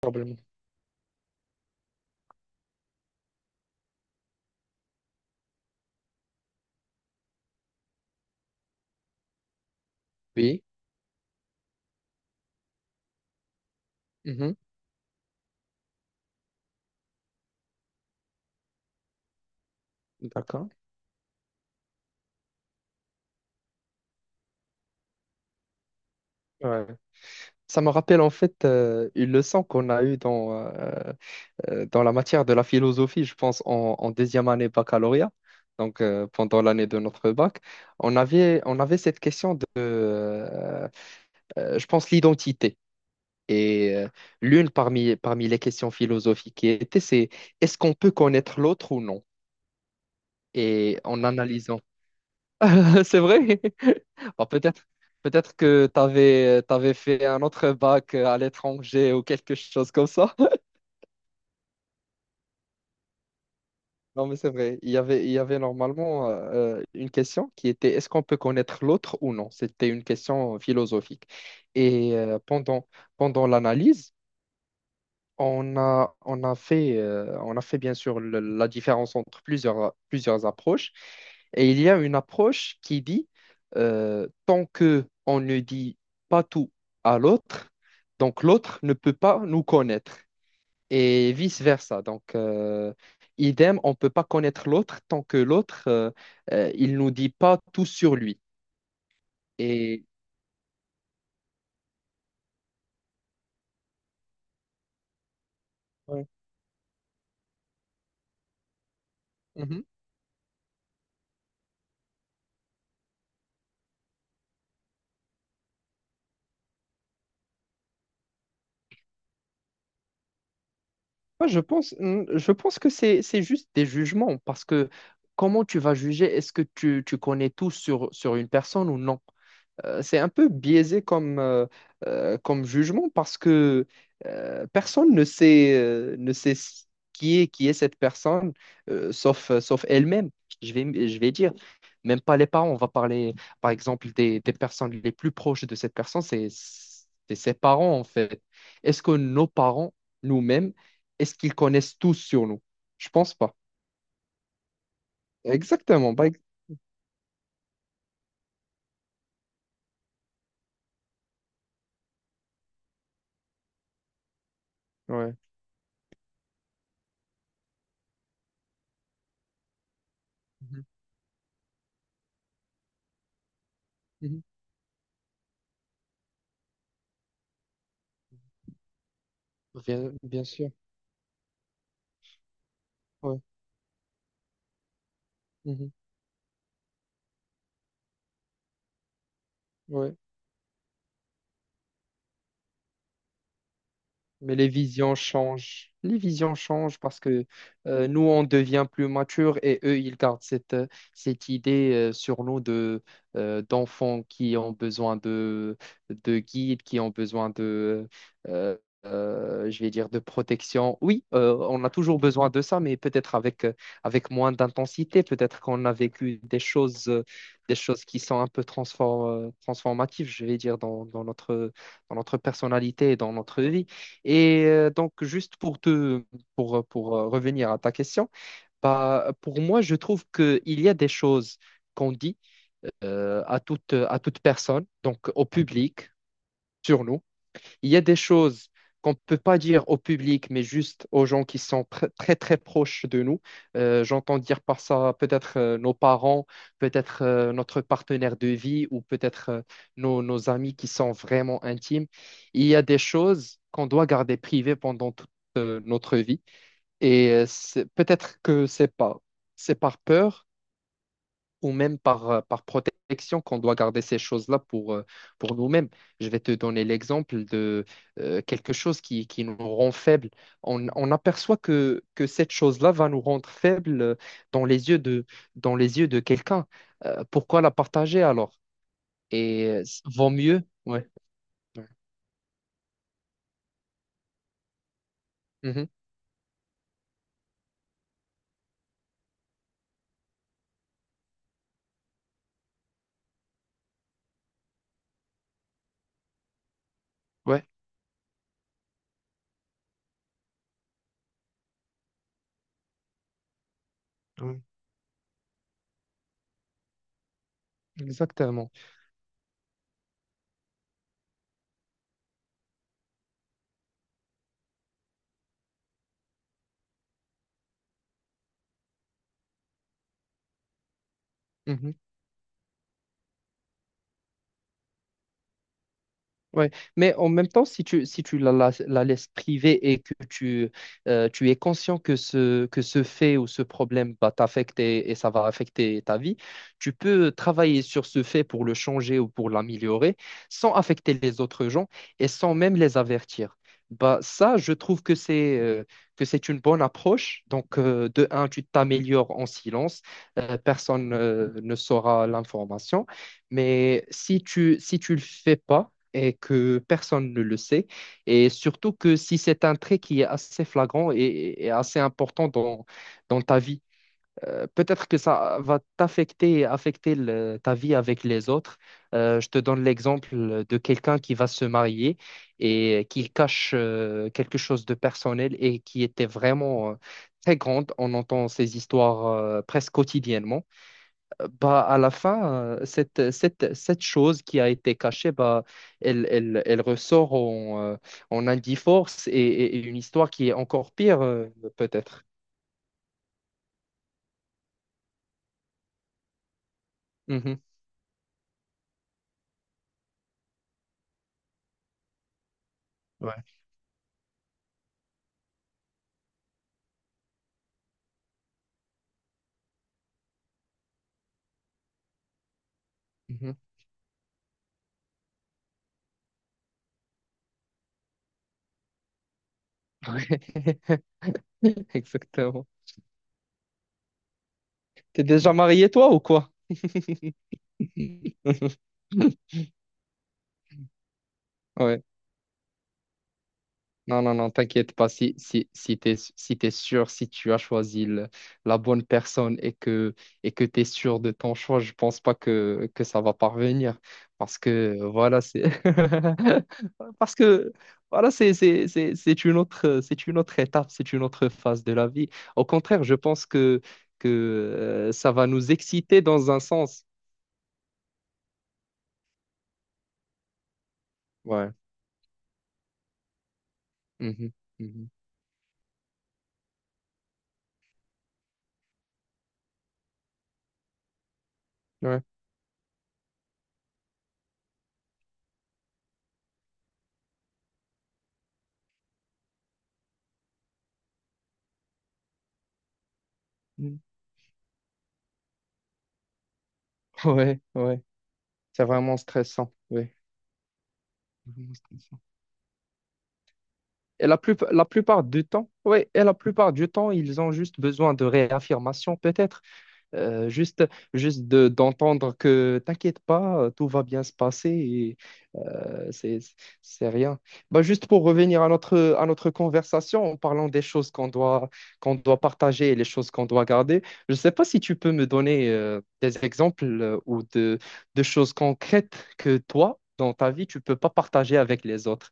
Probablement. Oui. Mhm. D'accord. Ouais. Ça me rappelle en fait une leçon qu'on a eue dans la matière de la philosophie, je pense, en deuxième année baccalauréat, donc pendant l'année de notre bac. On avait cette question de, je pense, l'identité. Et euh, l'une parmi les questions philosophiques qui était, c'est est-ce qu'on peut connaître l'autre ou non? Et en analysant. C'est vrai? Bah, peut-être que tu avais fait un autre bac à l'étranger ou quelque chose comme ça. Non, mais c'est vrai. Il y avait normalement une question qui était est-ce qu'on peut connaître l'autre ou non? C'était une question philosophique. Et pendant l'analyse, on a, on a on a fait bien sûr la différence entre plusieurs approches. Et il y a une approche qui dit, tant que on ne dit pas tout à l'autre, donc l'autre ne peut pas nous connaître et vice-versa. Donc, idem, on ne peut pas connaître l'autre tant que l'autre, il nous dit pas tout sur lui. Et ouais. Moi, je pense, je pense que c'est juste des jugements parce que comment tu vas juger, est-ce que tu connais tout sur une personne ou non? C'est un peu biaisé comme jugement parce que personne ne sait, ne sait ce qui est cette personne, sauf elle-même, je vais dire. Même pas les parents, on va parler, par exemple, des personnes les plus proches de cette personne, c'est ses parents, en fait. Est-ce que nos parents, nous-mêmes, est-ce qu'ils connaissent tout sur nous? Je pense pas. Exactement. Bah. Ouais. Mhm. Mhm. Bien, bien sûr. Ouais. Mhm. Ouais. Mais les visions changent. Les visions changent parce que nous, on devient plus mature et eux, ils gardent cette idée sur nous d'enfants qui ont besoin de guides, qui ont besoin de, euh, je vais dire, de protection. Oui, on a toujours besoin de ça, mais peut-être avec moins d'intensité. Peut-être qu'on a vécu des choses, des choses qui sont un peu transformatives, je vais dire, dans notre, dans notre personnalité et dans notre vie. Et donc, juste pour te, pour revenir à ta question, bah, pour moi, je trouve qu'il y a des choses qu'on dit à toute personne, donc au public, sur nous il y a des choses qu'on ne peut pas dire au public, mais juste aux gens qui sont très proches de nous. J'entends dire par ça peut-être nos parents, peut-être notre partenaire de vie ou peut-être nos, nos amis qui sont vraiment intimes. Il y a des choses qu'on doit garder privées pendant toute notre vie. Et c'est- peut-être que c'est pas, c'est par peur ou même par protection qu'on doit garder ces choses-là pour nous-mêmes. Je vais te donner l'exemple de quelque chose qui nous rend faibles. On aperçoit que cette chose-là va nous rendre faibles dans les yeux de, dans les yeux de quelqu'un. Pourquoi la partager alors? Et vaut mieux. Ouais. Ouais. Mhm. Ouais. Oui. Exactement. Mhm. Ouais, mais en même temps, si tu, si tu la, la laisses privée et que tu es conscient que ce fait ou ce problème va t'affecter et ça va affecter ta vie, tu peux travailler sur ce fait pour le changer ou pour l'améliorer sans affecter les autres gens et sans même les avertir. Bah, ça, je trouve que c'est une bonne approche. Donc, de un, tu t'améliores en silence, personne ne saura l'information. Mais si tu, si tu le fais pas, et que personne ne le sait. Et surtout que si c'est un trait qui est assez flagrant et assez important dans ta vie, peut-être que ça va t'affecter, et affecter ta vie avec les autres. Je te donne l'exemple de quelqu'un qui va se marier et qui cache quelque chose de personnel et qui était vraiment très grande. On entend ces histoires presque quotidiennement. Bah, à la fin, cette chose qui a été cachée, bah, elle ressort en Indiforce et une histoire qui est encore pire, peut-être. Mhm. Ouais. Mhm. Ouais. Exactement. T'es déjà marié, toi, ou quoi? Ouais. Non, non, non, t'inquiète pas. Si, si, si t'es, si t'es sûr, si tu as choisi la bonne personne et que t'es sûr de ton choix, je pense pas que, que ça va parvenir. Parce que, voilà, c'est, parce que, voilà, c'est une autre étape, c'est une autre phase de la vie. Au contraire, je pense que, ça va nous exciter dans un sens. Ouais. Mhm, mhm. Ouais. Mhm. Ouais, ouais. C'est vraiment stressant. Ouais. Vraiment stressant. Et la plupart du temps, ouais, et la plupart du temps, ils ont juste besoin de réaffirmation, peut-être. Euh, juste, Juste d'entendre que t'inquiète pas, tout va bien se passer et euh, c'est, c'est rien. Bah, juste pour revenir à notre conversation, en parlant des choses qu'on doit partager et les choses qu'on doit garder, je sais pas si tu peux me donner des exemples de choses concrètes que toi, dans ta vie, tu peux pas partager avec les autres.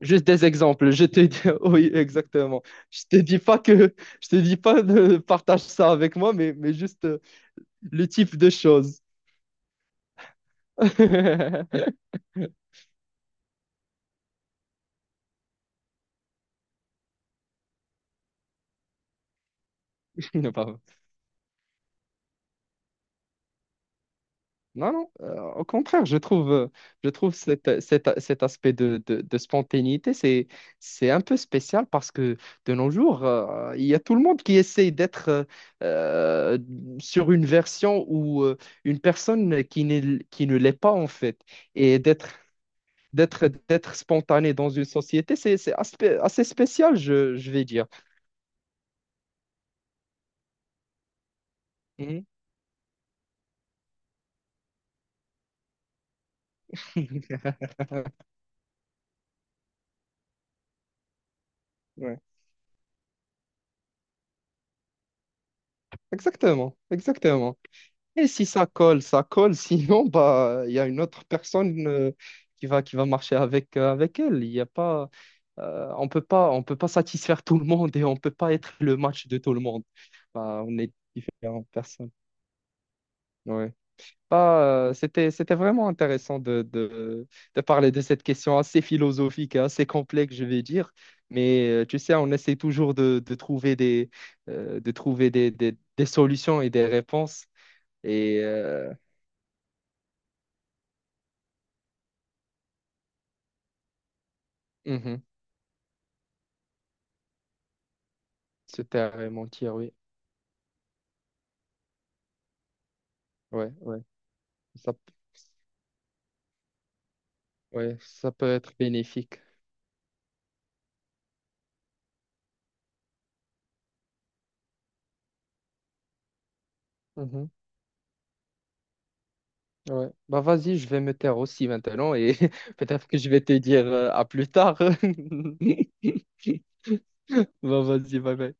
Juste des exemples. Je te dis, oui, exactement. Je te dis pas que, je te dis pas de partage ça avec moi, mais juste le type de choses. Non, pas- non, non, au contraire, je trouve cet, cet aspect de, de spontanéité, c'est un peu spécial parce que de nos jours, il y a tout le monde qui essaye d'être euh, sur une version ou une personne qui n'est, qui ne l'est pas en fait, et d'être d'être spontané dans une société, c'est assez spécial, je vais dire. Mhm. Ouais. Exactement, exactement. Et si ça colle, ça colle. Sinon, bah, il y a une autre personne qui va marcher avec elle. Il y a pas, on peut pas, on peut pas satisfaire tout le monde et on peut pas être le match de tout le monde. Bah, on est différentes personnes. Ouais. Ah, c'était, c'était vraiment intéressant de parler de cette question assez philosophique, et assez complexe, je vais dire. Mais tu sais, on essaie toujours de trouver des solutions et des réponses. Et mhm, c'était à mentir, oui. Ouais, ouais. Ça, ouais, ça peut être bénéfique. Mhm, ouais. Bah vas-y, je vais me taire aussi maintenant et peut-être que je vais te dire à plus tard. Bah vas-y, bye bye.